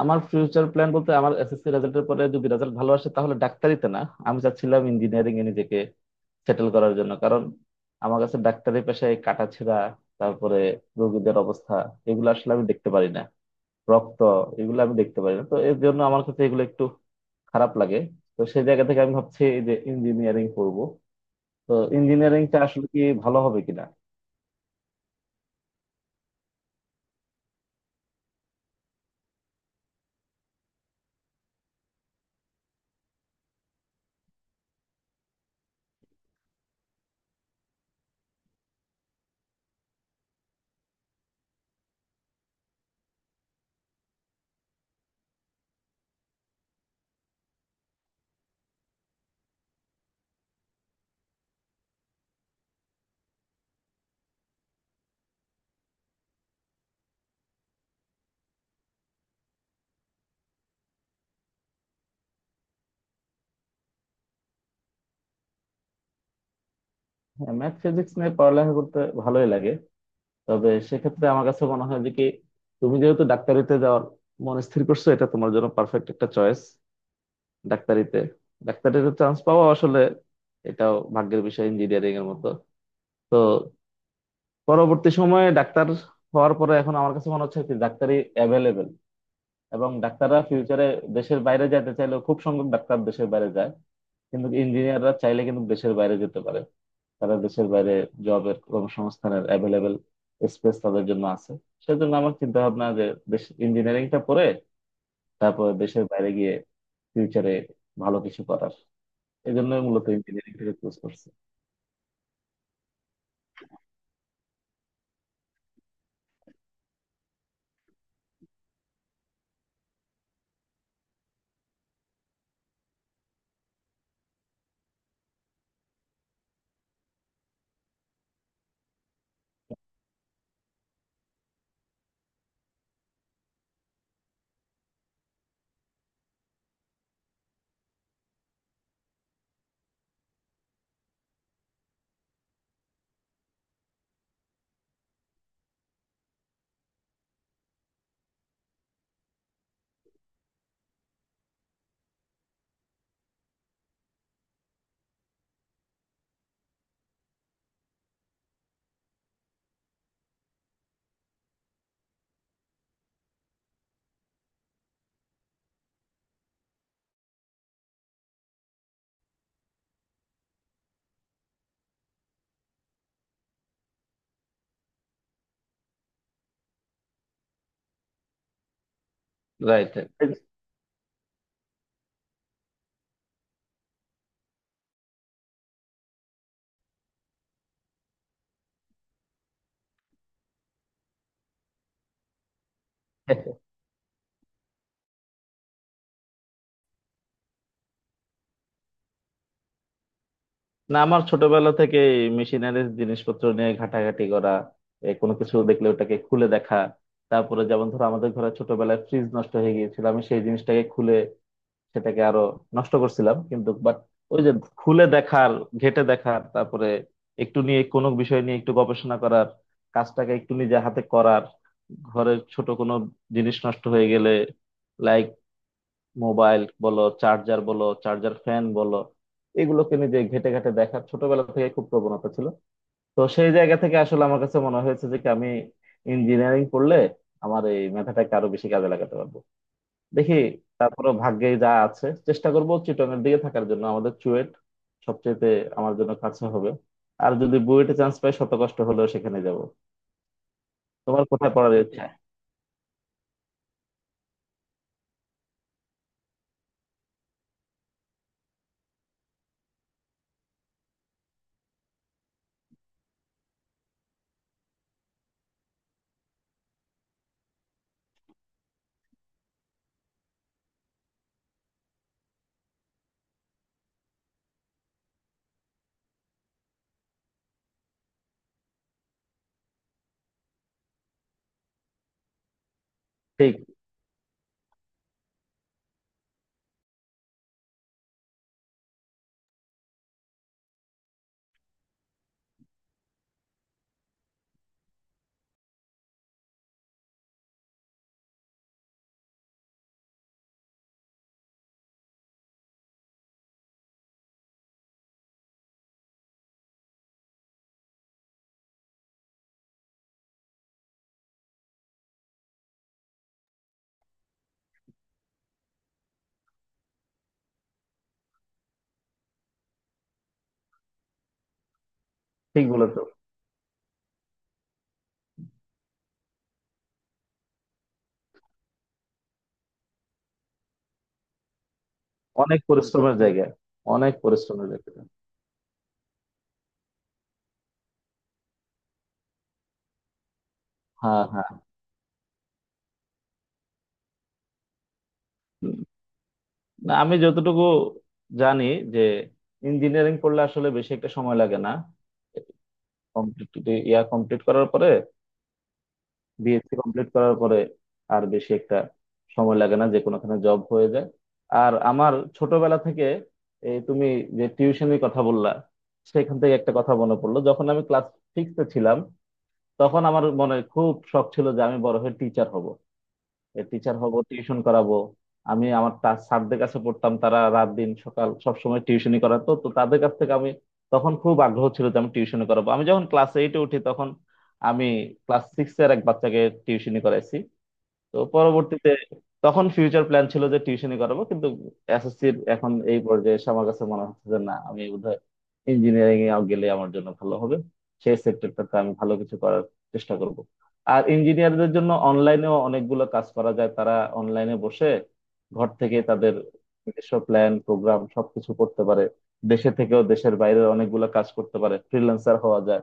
আমার future plan বলতে আমার এসএসসি রেজাল্টের পরে যদি রেজাল্ট ভালো আসে তাহলে ডাক্তারিতে না, আমি চাচ্ছিলাম ইঞ্জিনিয়ারিং এ নিজেকে সেটেল করার জন্য। কারণ আমার কাছে ডাক্তারি পেশায় কাটাছেঁড়া, তারপরে রোগীদের অবস্থা, এগুলো আসলে আমি দেখতে পারি না। রক্ত, এগুলো আমি দেখতে পারি না, তো এর জন্য আমার কাছে এগুলো একটু খারাপ লাগে। তো সেই জায়গা থেকে আমি ভাবছি এই যে ইঞ্জিনিয়ারিং পড়বো, তো ইঞ্জিনিয়ারিংটা আসলে কি ভালো হবে কিনা। ম্যাথ ফিজিক্স নিয়ে পড়ালেখা করতে ভালোই লাগে, তবে সেক্ষেত্রে আমার কাছে মনে হয় যে কি তুমি যেহেতু ডাক্তারিতে যাওয়ার মন স্থির করছো, এটা তোমার জন্য পারফেক্ট একটা চয়েস। ডাক্তারিতে ডাক্তারিতে চান্স পাওয়া আসলে এটাও ভাগ্যের বিষয়, ইঞ্জিনিয়ারিং এর মতো। তো পরবর্তী সময়ে ডাক্তার হওয়ার পরে এখন আমার কাছে মনে হচ্ছে কি ডাক্তারি অ্যাভেলেবেল, এবং ডাক্তাররা ফিউচারে দেশের বাইরে যেতে চাইলেও খুব সংখ্যক ডাক্তার দেশের বাইরে যায়, কিন্তু ইঞ্জিনিয়াররা চাইলে কিন্তু দেশের বাইরে যেতে পারে। তারা দেশের বাইরে জবের কর্মসংস্থানের অ্যাভেলেবেল স্পেস তাদের জন্য আছে। সেজন্য আমার চিন্তা ভাবনা যে দেশ ইঞ্জিনিয়ারিংটা পড়ে তারপর দেশের বাইরে গিয়ে ফিউচারে ভালো কিছু করার, এই জন্যই মূলত ইঞ্জিনিয়ারিংটাকে চুজ করছি। রাইট। না, আমার ছোটবেলা থেকে মেশিনারিজ জিনিসপত্র নিয়ে ঘাটাঘাটি করা, কোনো কিছু দেখলে ওটাকে খুলে দেখা। তারপরে যেমন ধরো আমাদের ঘরে ছোটবেলায় ফ্রিজ নষ্ট হয়ে গিয়েছিল, আমি সেই জিনিসটাকে খুলে সেটাকে আরো নষ্ট করছিলাম, কিন্তু বাট ওই যে খুলে দেখার, ঘেঁটে দেখার, তারপরে একটু নিয়ে কোনো বিষয় নিয়ে একটু গবেষণা করার, কাজটাকে একটু নিজে হাতে করার, ঘরের ছোট কোনো জিনিস নষ্ট হয়ে গেলে লাইক মোবাইল বলো, চার্জার বলো, চার্জার ফ্যান বলো, এগুলোকে নিজে ঘেঁটে ঘেঁটে দেখার ছোটবেলা থেকে খুব প্রবণতা ছিল। তো সেই জায়গা থেকে আসলে আমার কাছে মনে হয়েছে যে কি আমি ইঞ্জিনিয়ারিং পড়লে আমার এই মেধাটাকে আরো বেশি কাজে লাগাতে পারবো। দেখি, তারপরে ভাগ্যে যা আছে চেষ্টা করব। চিটগাং দিকে থাকার জন্য আমাদের চুয়েট সবচেয়ে আমার জন্য কাছে হবে, আর যদি বুয়েটে চান্স পাই শত কষ্ট হলেও সেখানে যাব। তোমার কোথায় পড়ার ইচ্ছা? ঠিক, ঠিক বলেছো। অনেক পরিশ্রমের জায়গা। অনেক পরিশ্রমের জায়গা। হ্যাঁ, হ্যাঁ। উম, না, আমি যতটুকু জানি যে ইঞ্জিনিয়ারিং পড়লে আসলে বেশি একটা সময় লাগে না। কমপ্লিট, ইয়া কমপ্লিট করার পরে, বিএসসি কমপ্লিট করার পরে আর বেশি একটা সময় লাগে না, যে কোনোখানে জব হয়ে যায়। আর আমার ছোটবেলা থেকে এই তুমি যে টিউশনের কথা বললা, সেখান থেকে একটা কথা মনে পড়লো, যখন আমি ক্লাস সিক্সে ছিলাম তখন আমার মনে খুব শখ ছিল যে আমি বড় হয়ে টিচার হব। টিচার হব, টিউশন করাবো। আমি আমার স্যারদের কাছে পড়তাম, তারা রাত দিন সকাল সব সময় টিউশনি করাতো, তো তাদের কাছ থেকে আমি তখন খুব আগ্রহ ছিল যে আমি টিউশনি করাবো। আমি যখন ক্লাস এইটে উঠি তখন আমি ক্লাস সিক্স এর এক বাচ্চাকে টিউশনি করাইছি। তো পরবর্তীতে তখন ফিউচার প্ল্যান ছিল যে টিউশনই করাবো, কিন্তু এসএসসির এখন এই পর্যায়ে এসে আমার কাছে মনে হচ্ছে যে না, আমি বোধহয় ইঞ্জিনিয়ারিং এ গেলে আমার জন্য ভালো হবে, সেই সেক্টরটাতে আমি ভালো কিছু করার চেষ্টা করব। আর ইঞ্জিনিয়ারদের জন্য অনলাইনেও অনেকগুলো কাজ করা যায়, তারা অনলাইনে বসে ঘর থেকে তাদের নিজস্ব প্ল্যান প্রোগ্রাম সবকিছু করতে পারে, দেশে থেকেও দেশের বাইরে অনেকগুলো কাজ করতে পারে, ফ্রিল্যান্সার হওয়া যায়।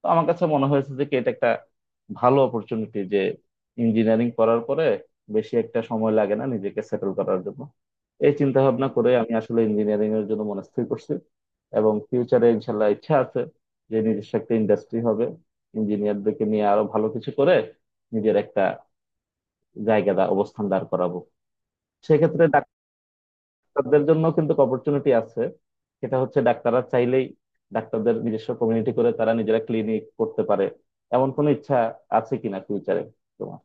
তো আমার কাছে মনে হয়েছে যে কি এটা একটা ভালো অপরচুনিটি যে ইঞ্জিনিয়ারিং করার পরে বেশি একটা সময় লাগে না নিজেকে সেটেল করার জন্য। এই চিন্তা ভাবনা করে আমি আসলে ইঞ্জিনিয়ারিং এর জন্য মনস্থির করছি। এবং ফিউচারে ইনশাল্লাহ ইচ্ছা আছে যে নিজস্ব একটা ইন্ডাস্ট্রি হবে, ইঞ্জিনিয়ারদেরকে নিয়ে আরো ভালো কিছু করে নিজের একটা জায়গা দা অবস্থান দাঁড় করাবো। সেক্ষেত্রে ডাক্তারদের জন্য কিন্তু অপরচুনিটি আছে, সেটা হচ্ছে ডাক্তাররা চাইলেই ডাক্তারদের নিজস্ব কমিউনিটি করে তারা নিজেরা ক্লিনিক করতে পারে, এমন কোনো ইচ্ছা আছে কিনা ফিউচারে তোমার?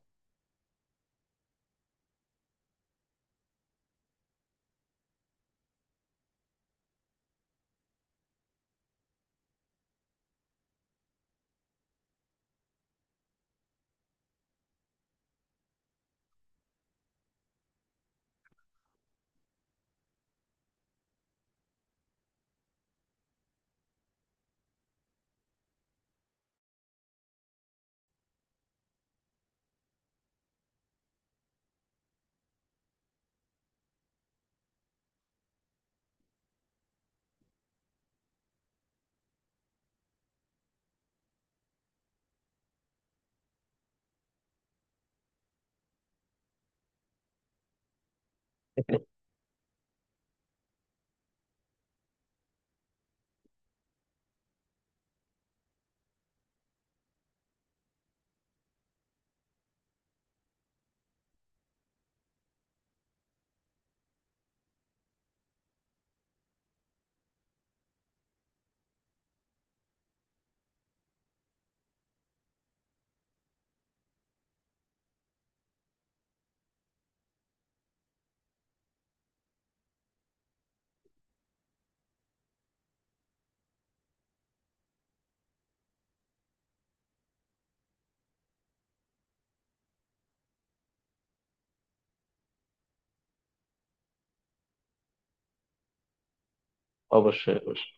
অবশ্যই, অবশ্যই।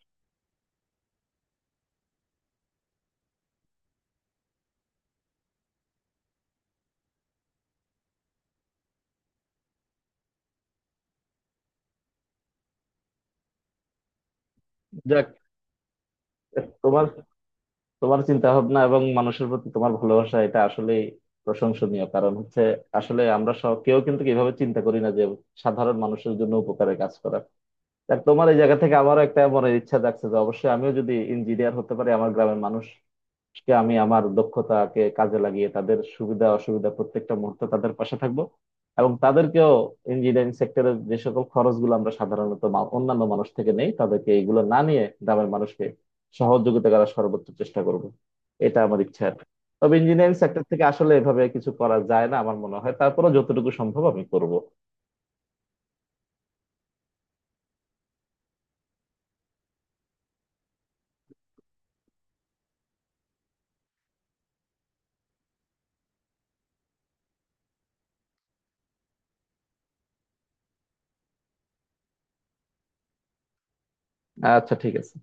যাক, তোমার তোমার চিন্তা ভাবনা এবং মানুষের প্রতি তোমার ভালোবাসা এটা আসলেই প্রশংসনীয়। কারণ হচ্ছে আসলে আমরা সব কেউ কিন্তু এভাবে চিন্তা করি না যে সাধারণ মানুষের জন্য উপকারে কাজ করা। দেখ তোমার এই জায়গা থেকে আমারও একটা মনের ইচ্ছা জাগছে যে অবশ্যই আমিও যদি ইঞ্জিনিয়ার হতে পারি আমার গ্রামের মানুষকে আমি আমার দক্ষতাকে কাজে লাগিয়ে তাদের সুবিধা অসুবিধা প্রত্যেকটা মুহূর্তে তাদের পাশে থাকবো। এবং তাদেরকেও ইঞ্জিনিয়ারিং সেক্টরের যে সকল খরচগুলো আমরা সাধারণত অন্যান্য মানুষ থেকে নেই তাদেরকে এইগুলো না নিয়ে গ্রামের মানুষকে সহযোগিতা করার সর্বোচ্চ চেষ্টা করব। এটা আমার ইচ্ছা আর কি। তবে ইঞ্জিনিয়ারিং সেক্টর থেকে আসলে এভাবে কিছু করা যায় না আমার মনে হয়, তারপরেও যতটুকু সম্ভব আমি করব। আচ্ছা, ঠিক আছে।